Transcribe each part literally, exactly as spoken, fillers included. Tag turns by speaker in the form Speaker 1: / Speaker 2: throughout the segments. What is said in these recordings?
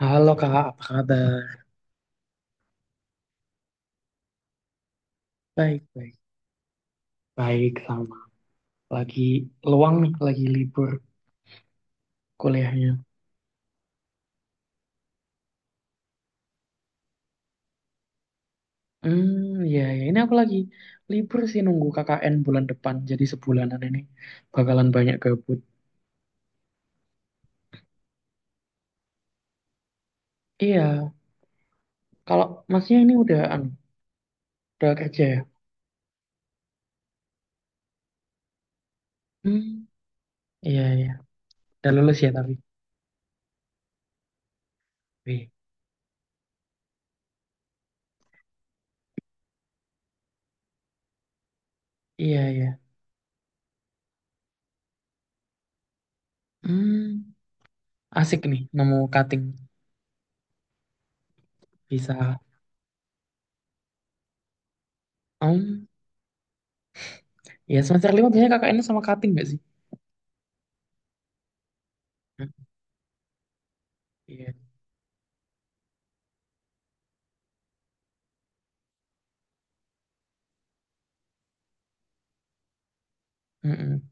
Speaker 1: Halo Kak, apa kabar? Baik, baik. Baik, sama. Lagi luang nih, lagi libur kuliahnya. Hmm, ya, ya. Ini aku lagi libur sih nunggu K K N bulan depan. Jadi sebulanan ini bakalan banyak gabut. Iya, kalau masnya ini udah, anu, udah kerja ya? Hmm, iya, iya. Udah lulus ya tapi? Wih, iya, iya. Hmm, asik nih nemu cutting. Bisa. Hmm, ya semester lima biasanya K K N sama cutting gak sih? Hmm, iya. Mm-mm.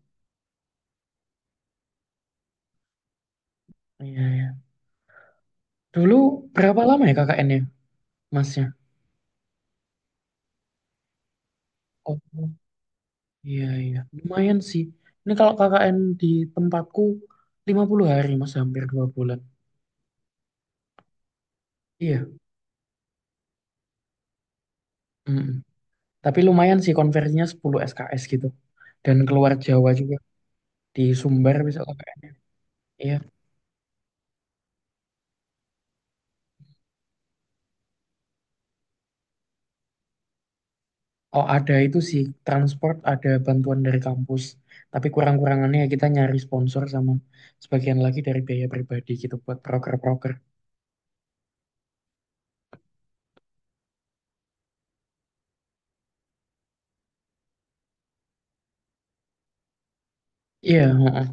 Speaker 1: Iya, iya. Dulu berapa lama ya K K N-nya, masnya? Oh, iya, iya. Lumayan sih. Ini kalau K K N di tempatku lima puluh hari, mas. Hampir dua bulan. Iya. Mm-mm. Tapi lumayan sih konversinya sepuluh S K S gitu. Dan keluar Jawa juga. Di Sumber besok K K N. Iya. Oh, ada itu sih. Transport ada bantuan dari kampus. Tapi kurang-kurangannya ya kita nyari sponsor sama sebagian lagi dari biaya pribadi gitu buat proker-proker. Iya, heeh.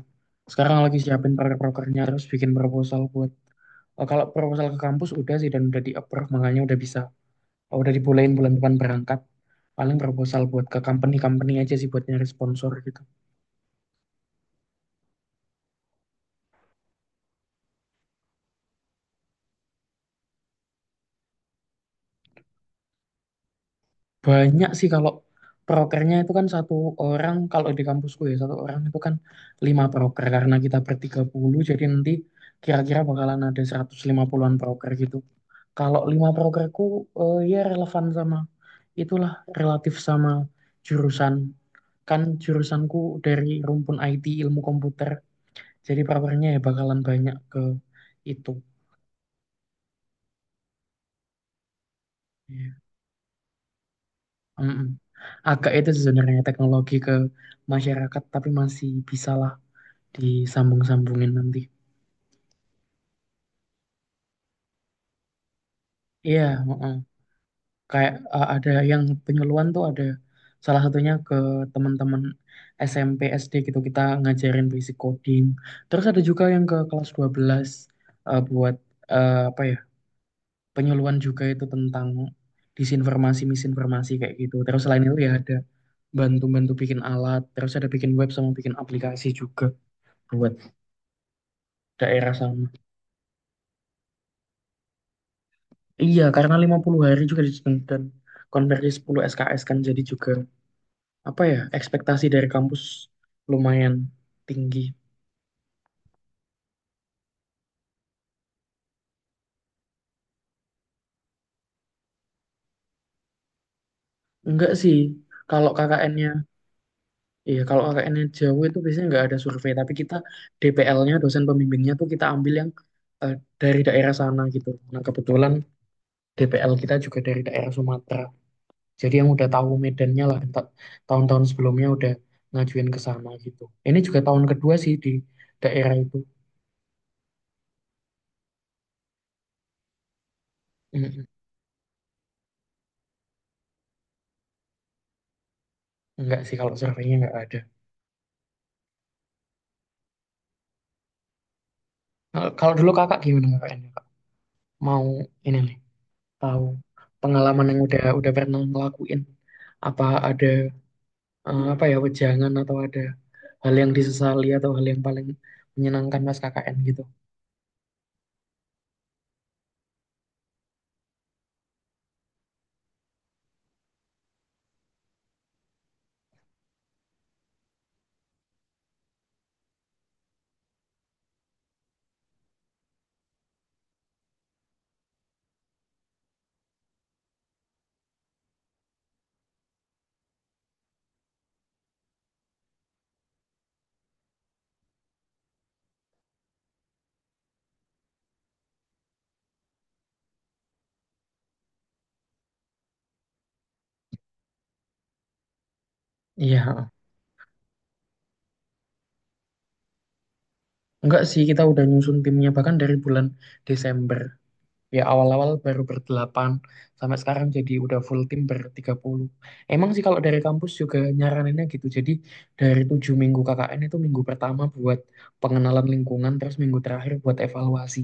Speaker 1: Sekarang lagi siapin proker-prokernya terus bikin proposal buat Eh, kalau proposal ke kampus udah sih dan udah di approve makanya udah bisa oh, udah dibolehin bulan depan berangkat paling proposal buat ke company-company aja sih buat nyari sponsor gitu. Banyak sih kalau prokernya itu kan satu orang kalau di kampusku ya satu orang itu kan lima proker karena kita bertiga puluh jadi nanti kira-kira bakalan ada seratus lima puluh-an proker gitu kalau lima prokerku eh, ya relevan sama itulah relatif sama jurusan kan jurusanku dari rumpun I T ilmu komputer. Jadi powernya ya bakalan banyak ke itu. Ya. Mm-mm. Agak itu sebenarnya teknologi ke masyarakat, tapi masih bisalah disambung-sambungin nanti. Iya, mm kayak uh, ada yang penyuluhan tuh ada salah satunya ke teman-teman S M P, S D gitu kita ngajarin basic coding. Terus ada juga yang ke kelas dua belas uh, buat uh, apa ya? Penyuluhan juga itu tentang disinformasi, misinformasi kayak gitu. Terus selain itu ya ada bantu-bantu bikin alat, terus ada bikin web sama bikin aplikasi juga buat daerah sama. Iya, karena lima puluh hari juga di- dan konversi sepuluh S K S kan jadi juga apa ya, ekspektasi dari kampus lumayan tinggi. Enggak sih, kalau K K N-nya, iya kalau K K N-nya jauh itu biasanya enggak ada survei, tapi kita D P L-nya, dosen pembimbingnya tuh kita ambil yang eh, dari daerah sana gitu. Nah, kebetulan D P L kita juga dari daerah Sumatera. Jadi yang udah tahu medannya lah, ta- tahun-tahun sebelumnya udah ngajuin ke sana gitu. Ini juga tahun kedua sih di daerah itu. Mm-mm. Enggak sih kalau surveinya enggak ada. Nah, kalau dulu kakak gimana kakaknya? Kak? Mau ini nih, tahu pengalaman yang udah udah pernah ngelakuin. Apa ada eh, apa ya wejangan atau ada hal yang disesali atau hal yang paling menyenangkan pas K K N gitu? Iya, enggak sih kita udah nyusun timnya bahkan dari bulan Desember. Ya awal-awal baru berdelapan, sampai sekarang jadi udah full tim bertiga puluh. Emang sih kalau dari kampus juga nyaraninnya gitu. Jadi dari tujuh minggu K K N itu minggu pertama buat pengenalan lingkungan, terus minggu terakhir buat evaluasi.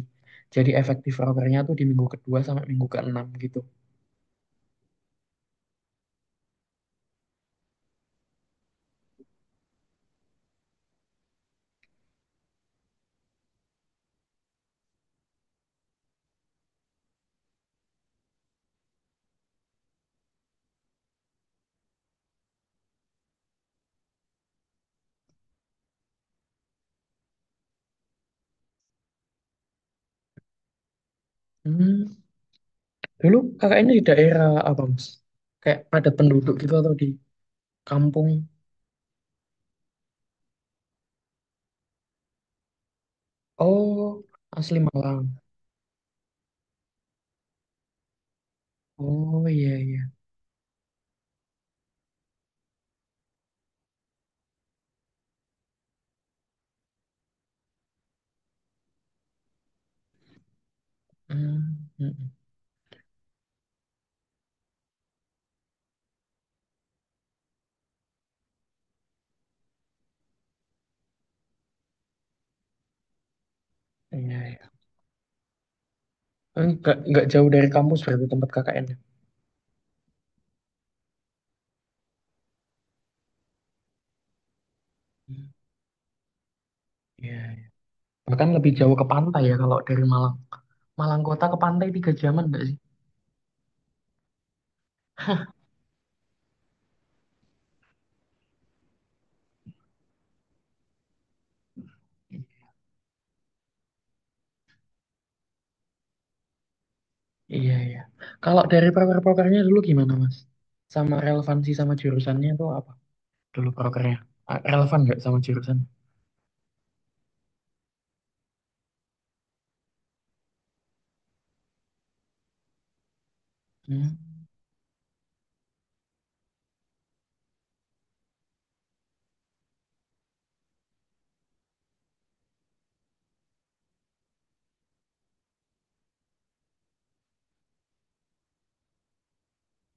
Speaker 1: Jadi efektif rokernya tuh di minggu kedua sampai minggu keenam gitu. Hmm, dulu K K N di daerah apa mas? Kayak padat penduduk gitu atau di kampung? Oh, asli Malang. Oh, iya, iya. Hmm, hmm, hmm. Iya, iya. Enggak, enggak jauh dari kampus berarti tempat K K N. Iya. Iya. Bahkan lebih jauh ke pantai ya kalau dari Malang. Malang kota ke pantai tiga jaman enggak sih? Iya, iya. Kalau dari proker-prokernya dulu gimana, Mas? Sama relevansi sama jurusannya tuh apa? Dulu prokernya. A- Relevan nggak sama jurusan? Hmm.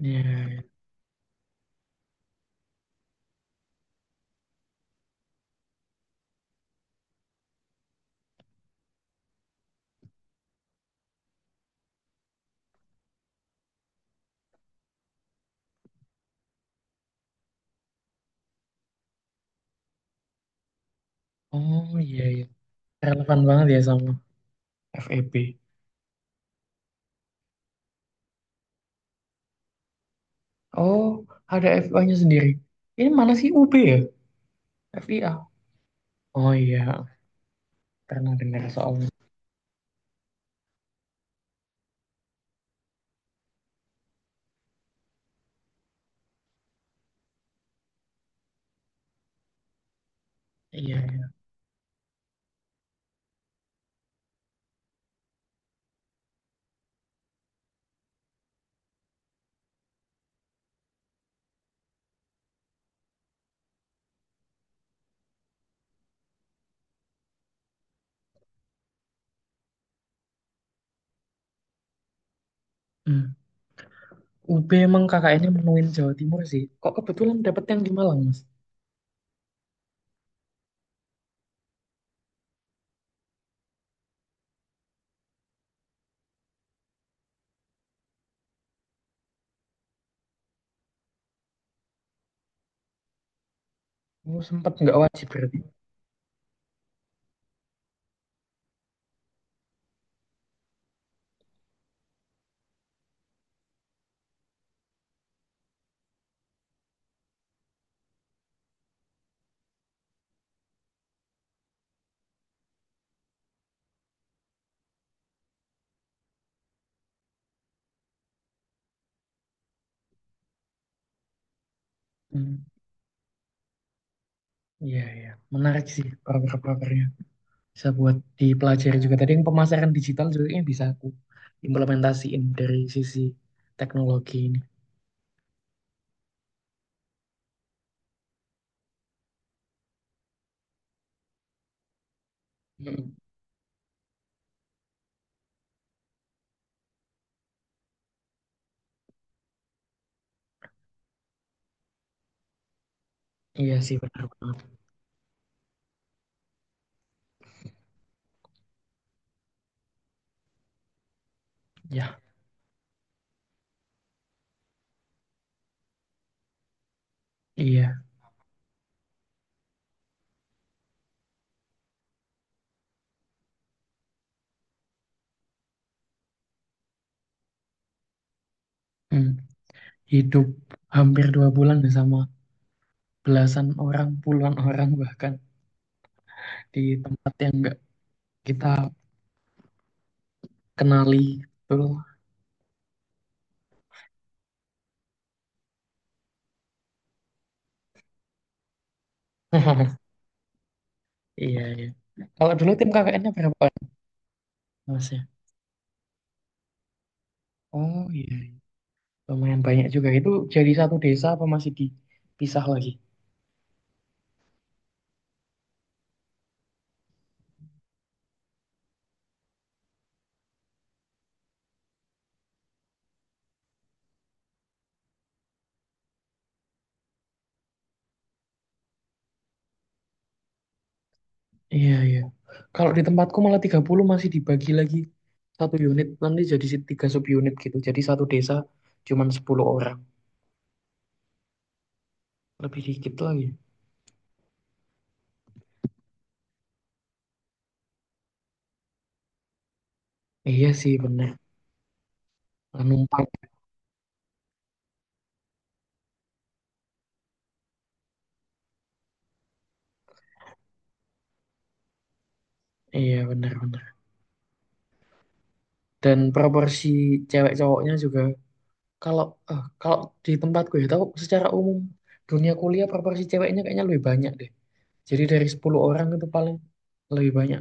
Speaker 1: Iya, iya. Oh, iya, iya. Relevan banget ya sama F E B. Oh, ada F I A-nya sendiri. Ini mana sih U B ya? F I A. Oh, iya, pernah dengar soalnya. Iya, iya. Hmm. U B emang kakaknya nya menuin Jawa Timur sih. Kok kebetulan dapet yang di Malang, Mas? Oh, sempet nggak wajib berarti. Hmm, iya, iya. Menarik sih proker-prokernya. Bisa buat dipelajari juga. Tadi yang pemasaran digital juga ini bisa aku implementasiin dari sisi teknologi ini. Mm, iya sih, benar banget. Ya, iya. Hmm, Hidup hampir dua bulan ya sama belasan orang, puluhan orang bahkan di tempat yang nggak kita kenali. Betul. Iya, iya. Kalau dulu tim K K N-nya berapa orang, Mas ya? Oh, iya, iya. Lumayan banyak juga. Itu jadi satu desa apa masih dipisah lagi? Iya, iya. Kalau di tempatku malah tiga puluh masih dibagi lagi satu unit, nanti jadi si- tiga sub unit gitu. Jadi satu desa cuman sepuluh orang. Lebih dikit lagi. Iya sih, bener. Numpang. Iya, bener-bener. Dan proporsi cewek cowoknya juga kalau eh, kalau di tempatku ya tahu secara umum dunia kuliah proporsi ceweknya kayaknya lebih banyak deh jadi dari sepuluh orang itu paling lebih banyak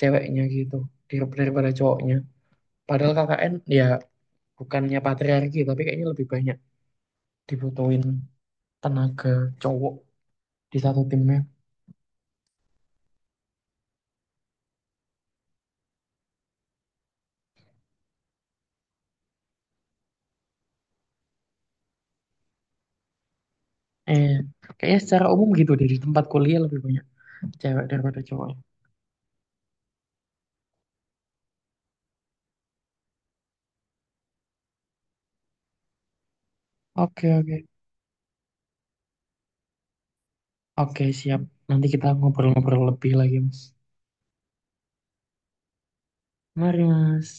Speaker 1: ceweknya gitu dar- daripada cowoknya padahal K K N ya bukannya patriarki tapi kayaknya lebih banyak dibutuhin tenaga cowok di satu timnya eh kayaknya secara umum gitu deh di tempat kuliah lebih banyak cewek daripada cowok. Oke, oke. Oke, siap. Nanti kita ngobrol-ngobrol lebih lagi mas. Mari mas.